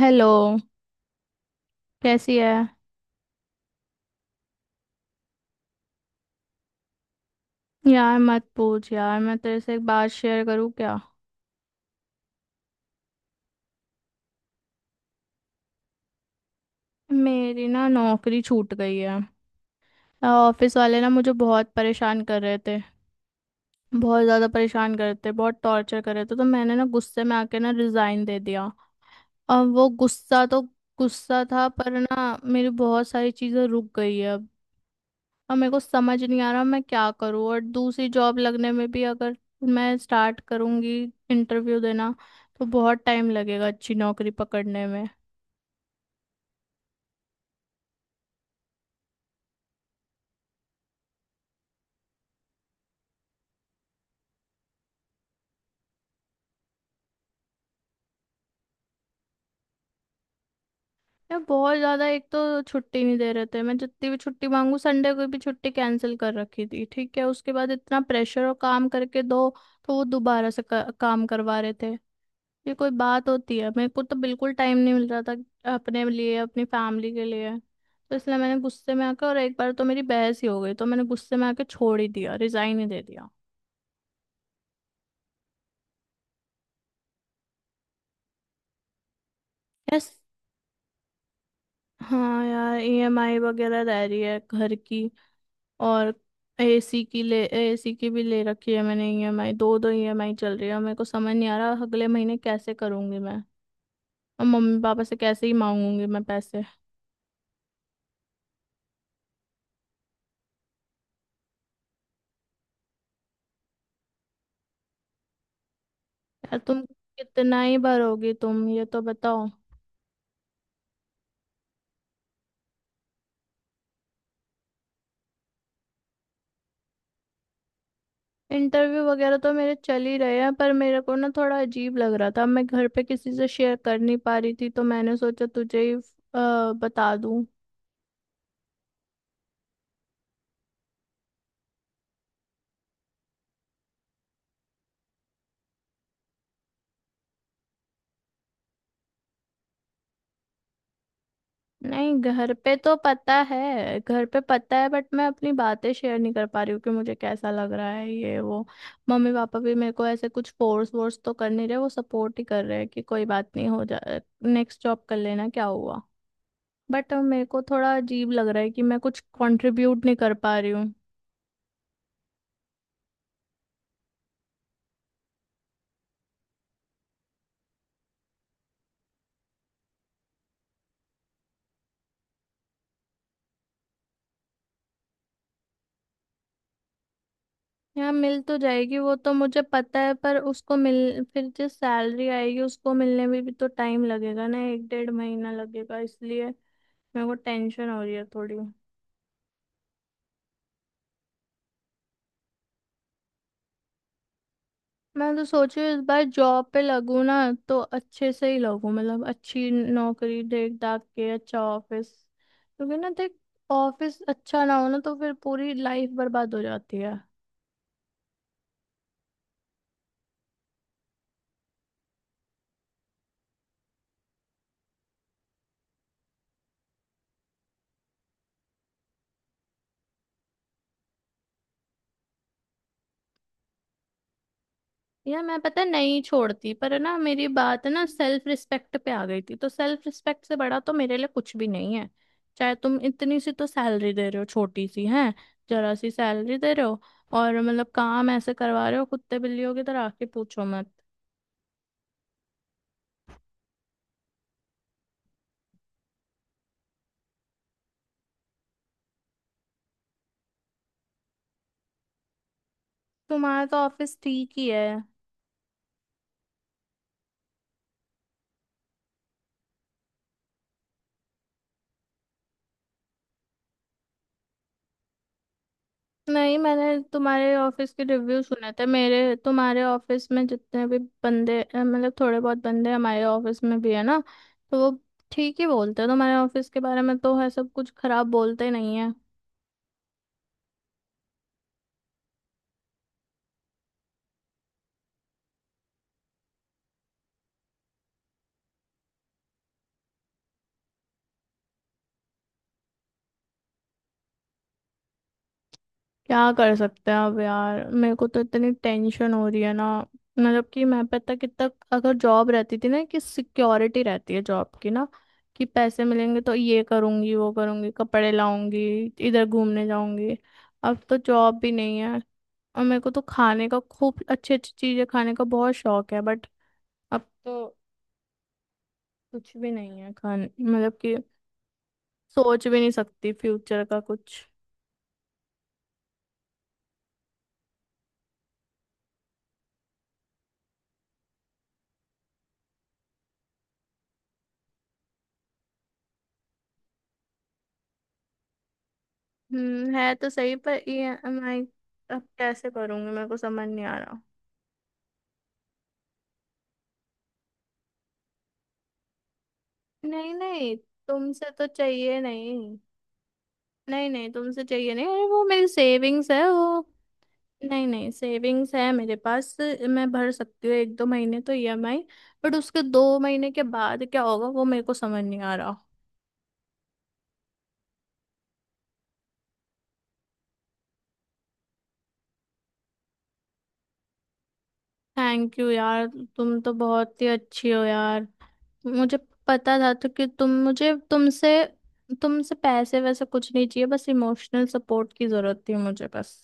Hello. कैसी है? यार मत पूछ यार। मैं तेरे से एक बात शेयर करूँ क्या? मेरी ना नौकरी छूट गई है। ऑफिस वाले ना मुझे बहुत परेशान कर रहे थे, बहुत ज़्यादा परेशान कर रहे थे, बहुत टॉर्चर कर रहे थे, तो मैंने ना गुस्से में आके ना रिज़ाइन दे दिया। अब वो गुस्सा तो गुस्सा था, पर ना मेरी बहुत सारी चीज़ें रुक गई है। और मेरे को समझ नहीं आ रहा मैं क्या करूँ, और दूसरी जॉब लगने में भी अगर मैं स्टार्ट करूंगी इंटरव्यू देना तो बहुत टाइम लगेगा अच्छी नौकरी पकड़ने में। यार बहुत ज़्यादा, एक तो छुट्टी नहीं दे रहे थे, मैं जितनी भी छुट्टी मांगू संडे को भी छुट्टी कैंसिल कर रखी थी। ठीक है, उसके बाद इतना प्रेशर और काम करके दो तो वो दोबारा से काम करवा रहे थे। ये कोई बात होती है? मेरे को तो बिल्कुल टाइम नहीं मिल रहा था अपने लिए, अपनी फैमिली के लिए। तो इसलिए मैंने गुस्से में आकर, और एक बार तो मेरी बहस ही हो गई, तो मैंने गुस्से में आके छोड़ ही दिया, रिजाइन ही दे दिया। यस। हाँ यार, ईएमआई वगैरह रह रही है घर की, और एसी की ले, एसी की भी ले रखी है मैंने ईएमआई, दो दो ईएमआई चल रही है। मेरे को समझ नहीं आ रहा अगले महीने कैसे करूंगी मैं, और मम्मी पापा से कैसे ही मांगूंगी मैं पैसे। यार तुम कितना ही भरोगी तुम, ये तो बताओ। इंटरव्यू वगैरह तो मेरे चल ही रहे हैं, पर मेरे को ना थोड़ा अजीब लग रहा था। मैं घर पे किसी से शेयर कर नहीं पा रही थी, तो मैंने सोचा तुझे ही बता दूं। नहीं, घर पे तो पता है, घर पे पता है, बट मैं अपनी बातें शेयर नहीं कर पा रही हूँ कि मुझे कैसा लग रहा है ये वो। मम्मी पापा भी मेरे को ऐसे कुछ फोर्स वोर्स तो कर नहीं रहे, वो सपोर्ट ही कर रहे हैं कि कोई बात नहीं, हो जा, नेक्स्ट जॉब कर लेना, क्या हुआ। बट मेरे को थोड़ा अजीब लग रहा है कि मैं कुछ कंट्रीब्यूट नहीं कर पा रही हूँ। यहाँ मिल तो जाएगी, वो तो मुझे पता है, पर उसको मिल, फिर जो सैलरी आएगी उसको मिलने में भी तो टाइम लगेगा ना, एक डेढ़ महीना लगेगा, इसलिए मेरे को टेंशन हो रही है थोड़ी। मैं तो सोच रही हूँ इस बार जॉब पे लगूँ ना तो अच्छे से ही लगूँ, मतलब अच्छी नौकरी देख दाख के, अच्छा ऑफिस, क्योंकि ना देख, ऑफिस अच्छा ना हो ना तो फिर पूरी लाइफ बर्बाद हो जाती है। यार मैं, पता है, नहीं छोड़ती, पर है ना, मेरी बात है ना सेल्फ रिस्पेक्ट पे आ गई थी, तो सेल्फ रिस्पेक्ट से बड़ा तो मेरे लिए कुछ भी नहीं है। चाहे तुम इतनी सी तो सैलरी दे रहे हो, छोटी सी है, जरा सी सैलरी दे रहे हो, और मतलब काम ऐसे करवा रहे हो कुत्ते बिल्लियों की तरह, आके पूछो मत। तुम्हारा तो ऑफिस ठीक ही है। नहीं, मैंने तुम्हारे ऑफिस के रिव्यू सुने थे, मेरे तुम्हारे ऑफिस में जितने भी बंदे मतलब थोड़े बहुत बंदे हमारे ऑफिस में भी है ना, तो वो ठीक ही बोलते हैं तुम्हारे ऑफिस के बारे में, तो है सब कुछ खराब बोलते नहीं है। क्या कर सकते हैं अब यार, मेरे को तो इतनी टेंशन हो रही है ना। मतलब कि मैं, पता कितना, अगर जॉब रहती थी ना, कि सिक्योरिटी रहती है जॉब की ना, कि पैसे मिलेंगे तो ये करूंगी वो करूंगी, कपड़े लाऊंगी, इधर घूमने जाऊंगी। अब तो जॉब भी नहीं है। और मेरे को तो खाने का, खूब अच्छी अच्छी चीजें खाने का बहुत शौक है, बट अब तो कुछ भी नहीं है खाने, मतलब कि सोच भी नहीं सकती फ्यूचर का कुछ। हम्म, है तो सही, पर ईएमआई अब कैसे भरूंगी मेरे को समझ नहीं आ रहा। नहीं नहीं, तुमसे तो चाहिए नहीं, नहीं नहीं, तुमसे चाहिए नहीं। अरे वो मेरी सेविंग्स है वो, नहीं नहीं, सेविंग्स है मेरे पास, मैं भर सकती हूँ एक दो महीने तो ईएमआई, बट उसके दो महीने के बाद क्या होगा वो मेरे को समझ नहीं आ रहा। थैंक यू यार, तुम तो बहुत ही अच्छी हो यार। मुझे पता था तो कि तुम, मुझे तुमसे, तुमसे पैसे वैसे कुछ नहीं चाहिए, बस इमोशनल सपोर्ट की जरूरत थी मुझे, बस।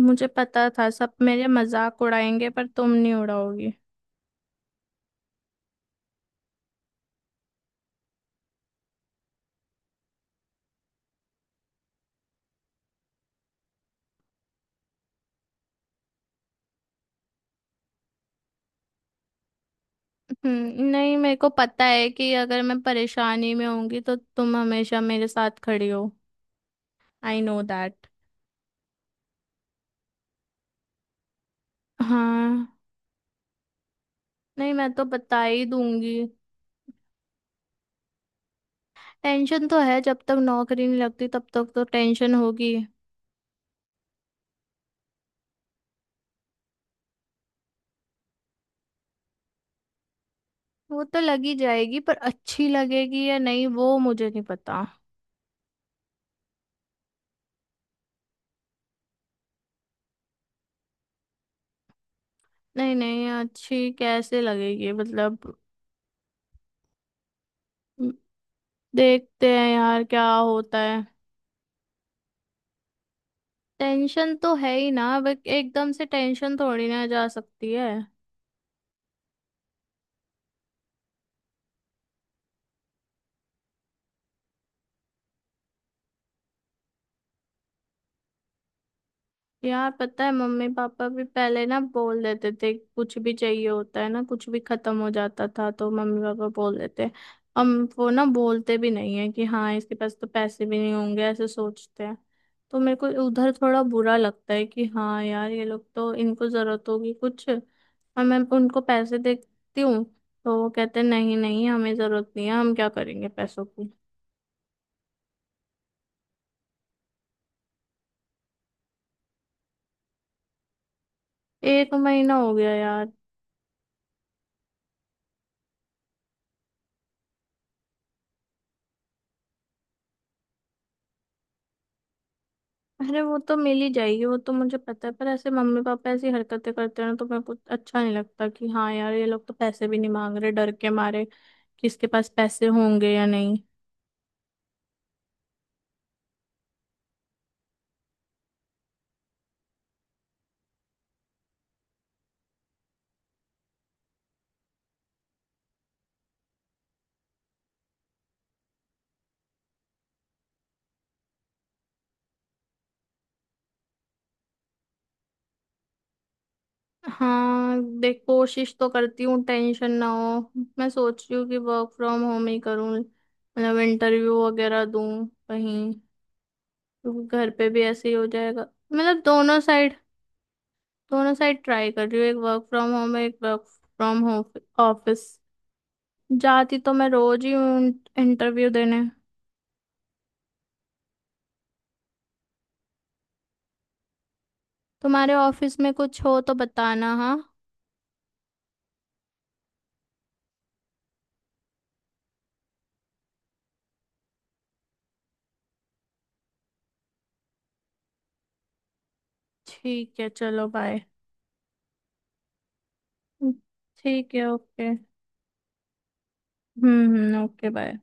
मुझे पता था सब मेरे मजाक उड़ाएंगे, पर तुम नहीं उड़ाओगी। नहीं मेरे को पता है कि अगर मैं परेशानी में होंगी तो तुम हमेशा मेरे साथ खड़ी हो। I know that. हाँ, नहीं मैं तो बता ही दूंगी। टेंशन तो है, जब तक नौकरी नहीं लगती तब तक तो टेंशन होगी। वो तो लगी जाएगी, पर अच्छी लगेगी या नहीं वो मुझे नहीं पता। नहीं नहीं, अच्छी कैसे लगेगी, मतलब म, देखते हैं यार क्या होता है। टेंशन तो है ही ना, बट एकदम से टेंशन थोड़ी ना जा सकती है। यार पता है, मम्मी पापा भी पहले ना बोल देते थे, कुछ भी चाहिए होता है ना, कुछ भी खत्म हो जाता था तो मम्मी पापा बोल देते, हम वो ना, बोलते भी नहीं है कि हाँ इसके पास तो पैसे भी नहीं होंगे, ऐसे सोचते हैं। तो मेरे को उधर थोड़ा बुरा लगता है कि हाँ यार, ये लोग तो, इनको जरूरत होगी कुछ, और मैं उनको पैसे देती हूँ तो वो कहते हैं, नहीं नहीं हमें जरूरत नहीं है, हम क्या करेंगे पैसों की। एक महीना हो गया यार। अरे वो तो मिल ही जाएगी वो तो मुझे पता है, पर ऐसे मम्मी पापा ऐसी हरकतें करते हैं ना, तो मेरे को अच्छा नहीं लगता कि हाँ यार ये लोग तो पैसे भी नहीं मांग रहे डर के मारे कि इसके पास पैसे होंगे या नहीं। हाँ देख, कोशिश तो करती हूँ टेंशन ना हो। मैं सोच रही हूँ कि वर्क फ्रॉम होम ही करूँ, मतलब इंटरव्यू वगैरह दूँ कहीं, क्योंकि घर पे भी ऐसे ही हो जाएगा। मतलब दोनों साइड, दोनों साइड ट्राई कर रही हूँ, एक वर्क फ्रॉम होम, एक वर्क फ्रॉम होम, ऑफिस जाती तो मैं रोज ही हूँ इंटरव्यू देने। तुम्हारे ऑफिस में कुछ हो तो बताना। हाँ ठीक है, चलो बाय। ठीक है, ओके। हम्म, ओके बाय।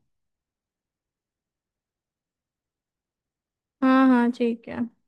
हाँ हाँ ठीक है।